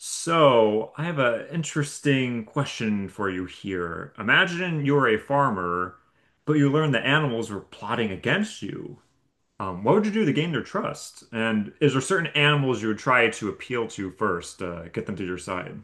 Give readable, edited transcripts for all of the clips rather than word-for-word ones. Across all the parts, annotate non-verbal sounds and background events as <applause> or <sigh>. So, I have an interesting question for you here. Imagine you're a farmer, but you learn the animals were plotting against you. What would you do to gain their trust? And is there certain animals you would try to appeal to first, get them to your side?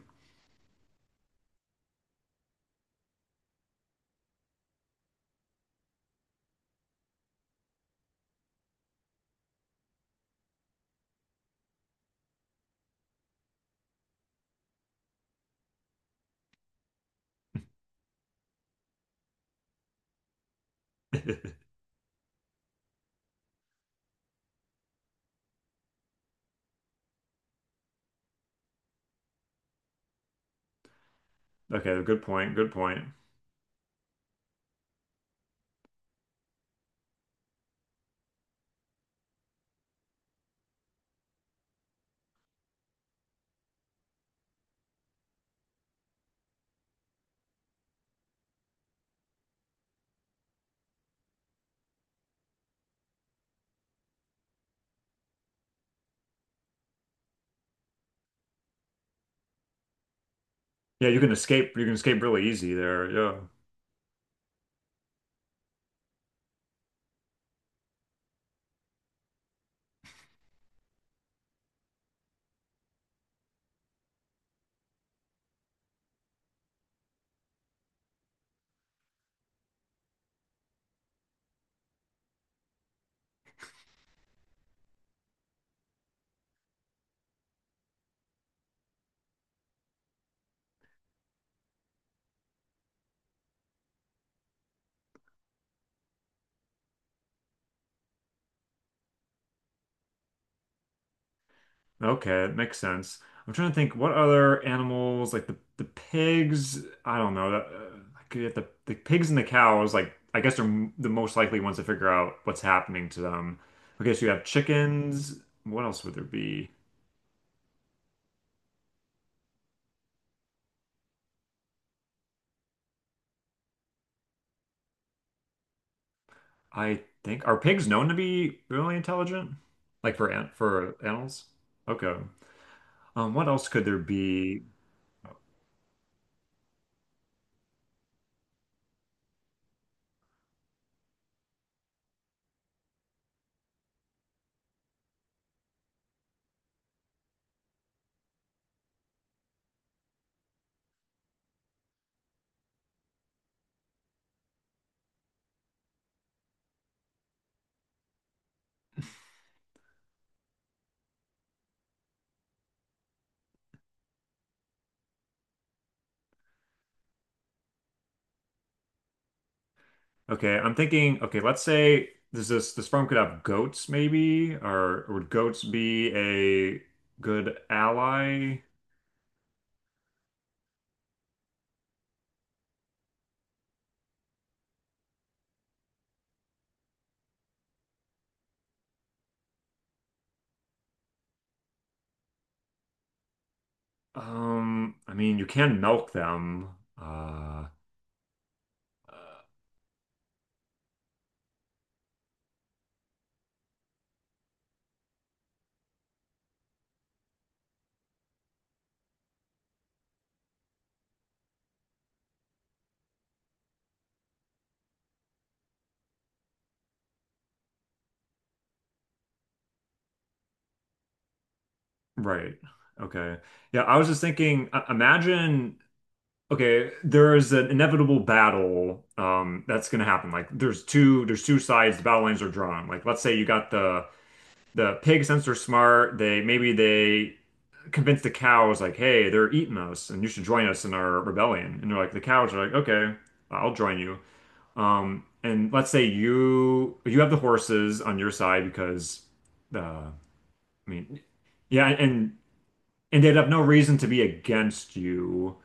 <laughs> Okay, good point. Good point. Yeah, you can escape. You can escape really easy there. Yeah. Okay, it makes sense. I'm trying to think what other animals like the pigs. I don't know. That, like you have the pigs and the cows. Like I guess they're m the most likely ones to figure out what's happening to them. Okay, so you have chickens. What else would there be? I think are pigs known to be really intelligent? Like for ant for animals? Okay. What else could there be? Okay, I'm thinking, okay, let's say this firm could have goats maybe, or would goats be a good ally? I mean, you can milk them. Uh, uh, right. Okay. Yeah, I was just thinking, imagine, okay, there is an inevitable battle that's gonna happen. Like there's two sides, the battle lines are drawn. Like let's say you got the pigs since they're smart, they maybe they convince the cows like, hey, they're eating us and you should join us in our rebellion. And they're like, the cows are like, okay, I'll join you. And let's say you have the horses on your side because the I mean, yeah, and they'd have no reason to be against you.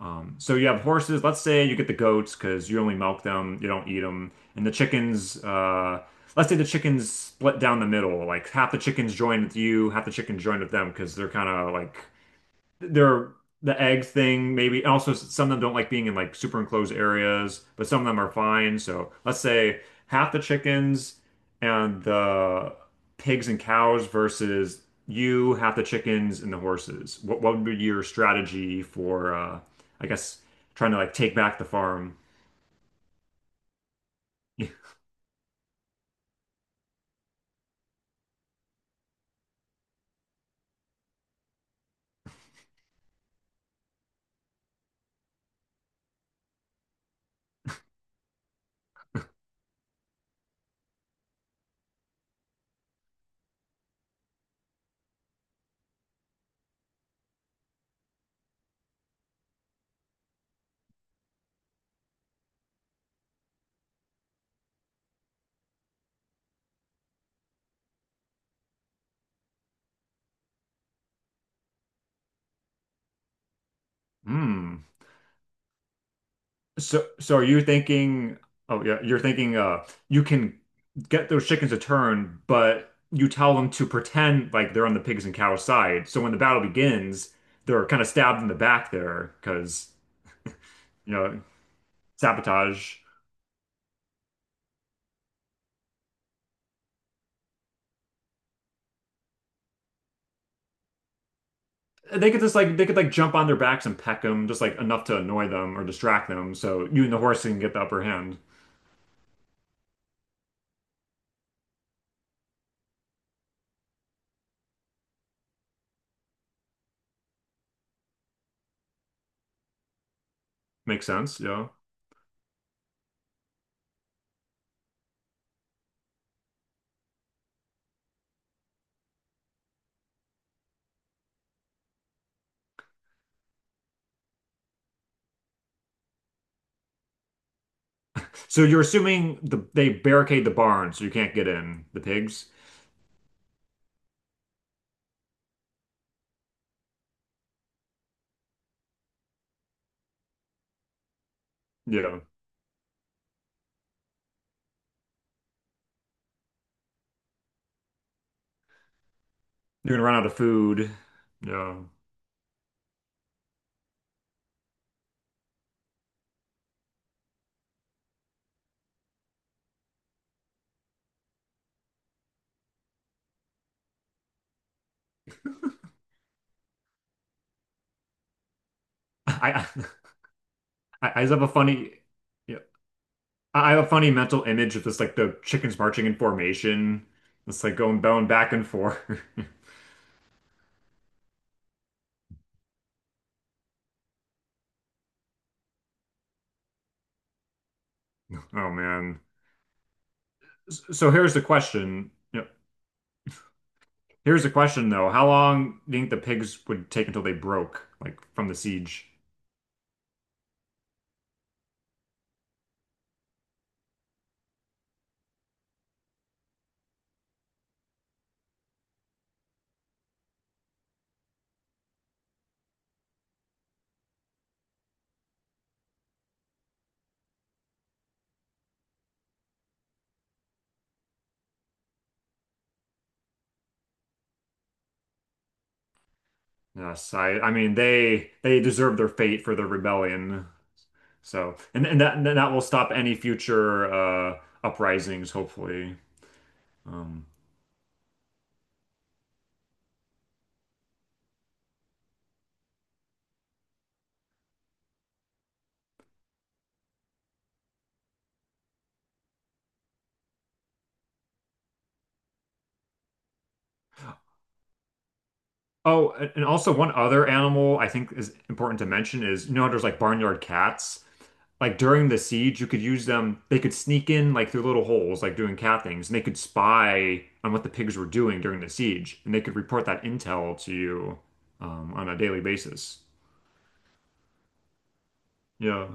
So you have horses. Let's say you get the goats because you only milk them, you don't eat them, and the chickens. Let's say the chickens split down the middle. Like half the chickens join with you, half the chickens join with them because they're kind of like they're the egg thing maybe and also some of them don't like being in like super enclosed areas but some of them are fine so let's say half the chickens and the pigs and cows versus you half the chickens and the horses what would be your strategy for I guess trying to like take back the farm. <laughs> Hmm. So, so are you thinking? Oh yeah, you're thinking. You can get those chickens to turn, but you tell them to pretend like they're on the pigs and cows side. So when the battle begins, they're kind of stabbed in the back there because you know sabotage. They could just like they could like jump on their backs and peck them just like enough to annoy them or distract them. So you and the horse can get the upper hand. Makes sense, yeah. So you're assuming the they barricade the barn so you can't get in. The pigs, yeah. You're gonna run out of food, yeah. I I just have a funny yeah. I have a funny mental image of this like the chickens marching in formation. It's like going bowing back and forth. <laughs> Oh man. S- So here's the question. Yep. Here's the question though. How long do you think the pigs would take until they broke, like from the siege? Yes, I mean they deserve their fate for their rebellion. So and that will stop any future uprisings, hopefully. Um Oh, and also one other animal I think is important to mention is, you know, there's like barnyard cats. Like during the siege, you could use them. They could sneak in like through little holes, like doing cat things, and they could spy on what the pigs were doing during the siege, and they could report that intel to you on a daily basis. Yeah.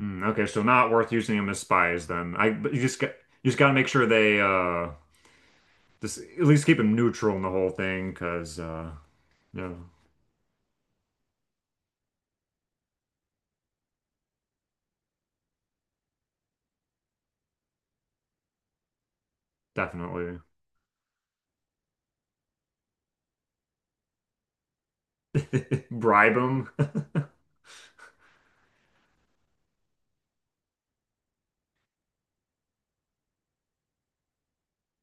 Mm, okay, so not worth using them as spies then. I but you just got you just gotta make sure they just at least keep them neutral in the whole thing, because yeah, definitely. <laughs> Bribe them.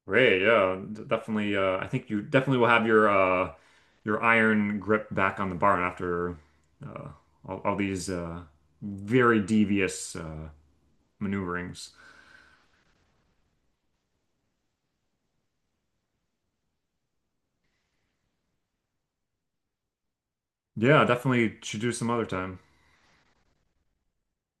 Great, yeah, d- definitely. I think you definitely will have your iron grip back on the barn after uh, all these very devious maneuverings. Yeah, definitely should do some other time.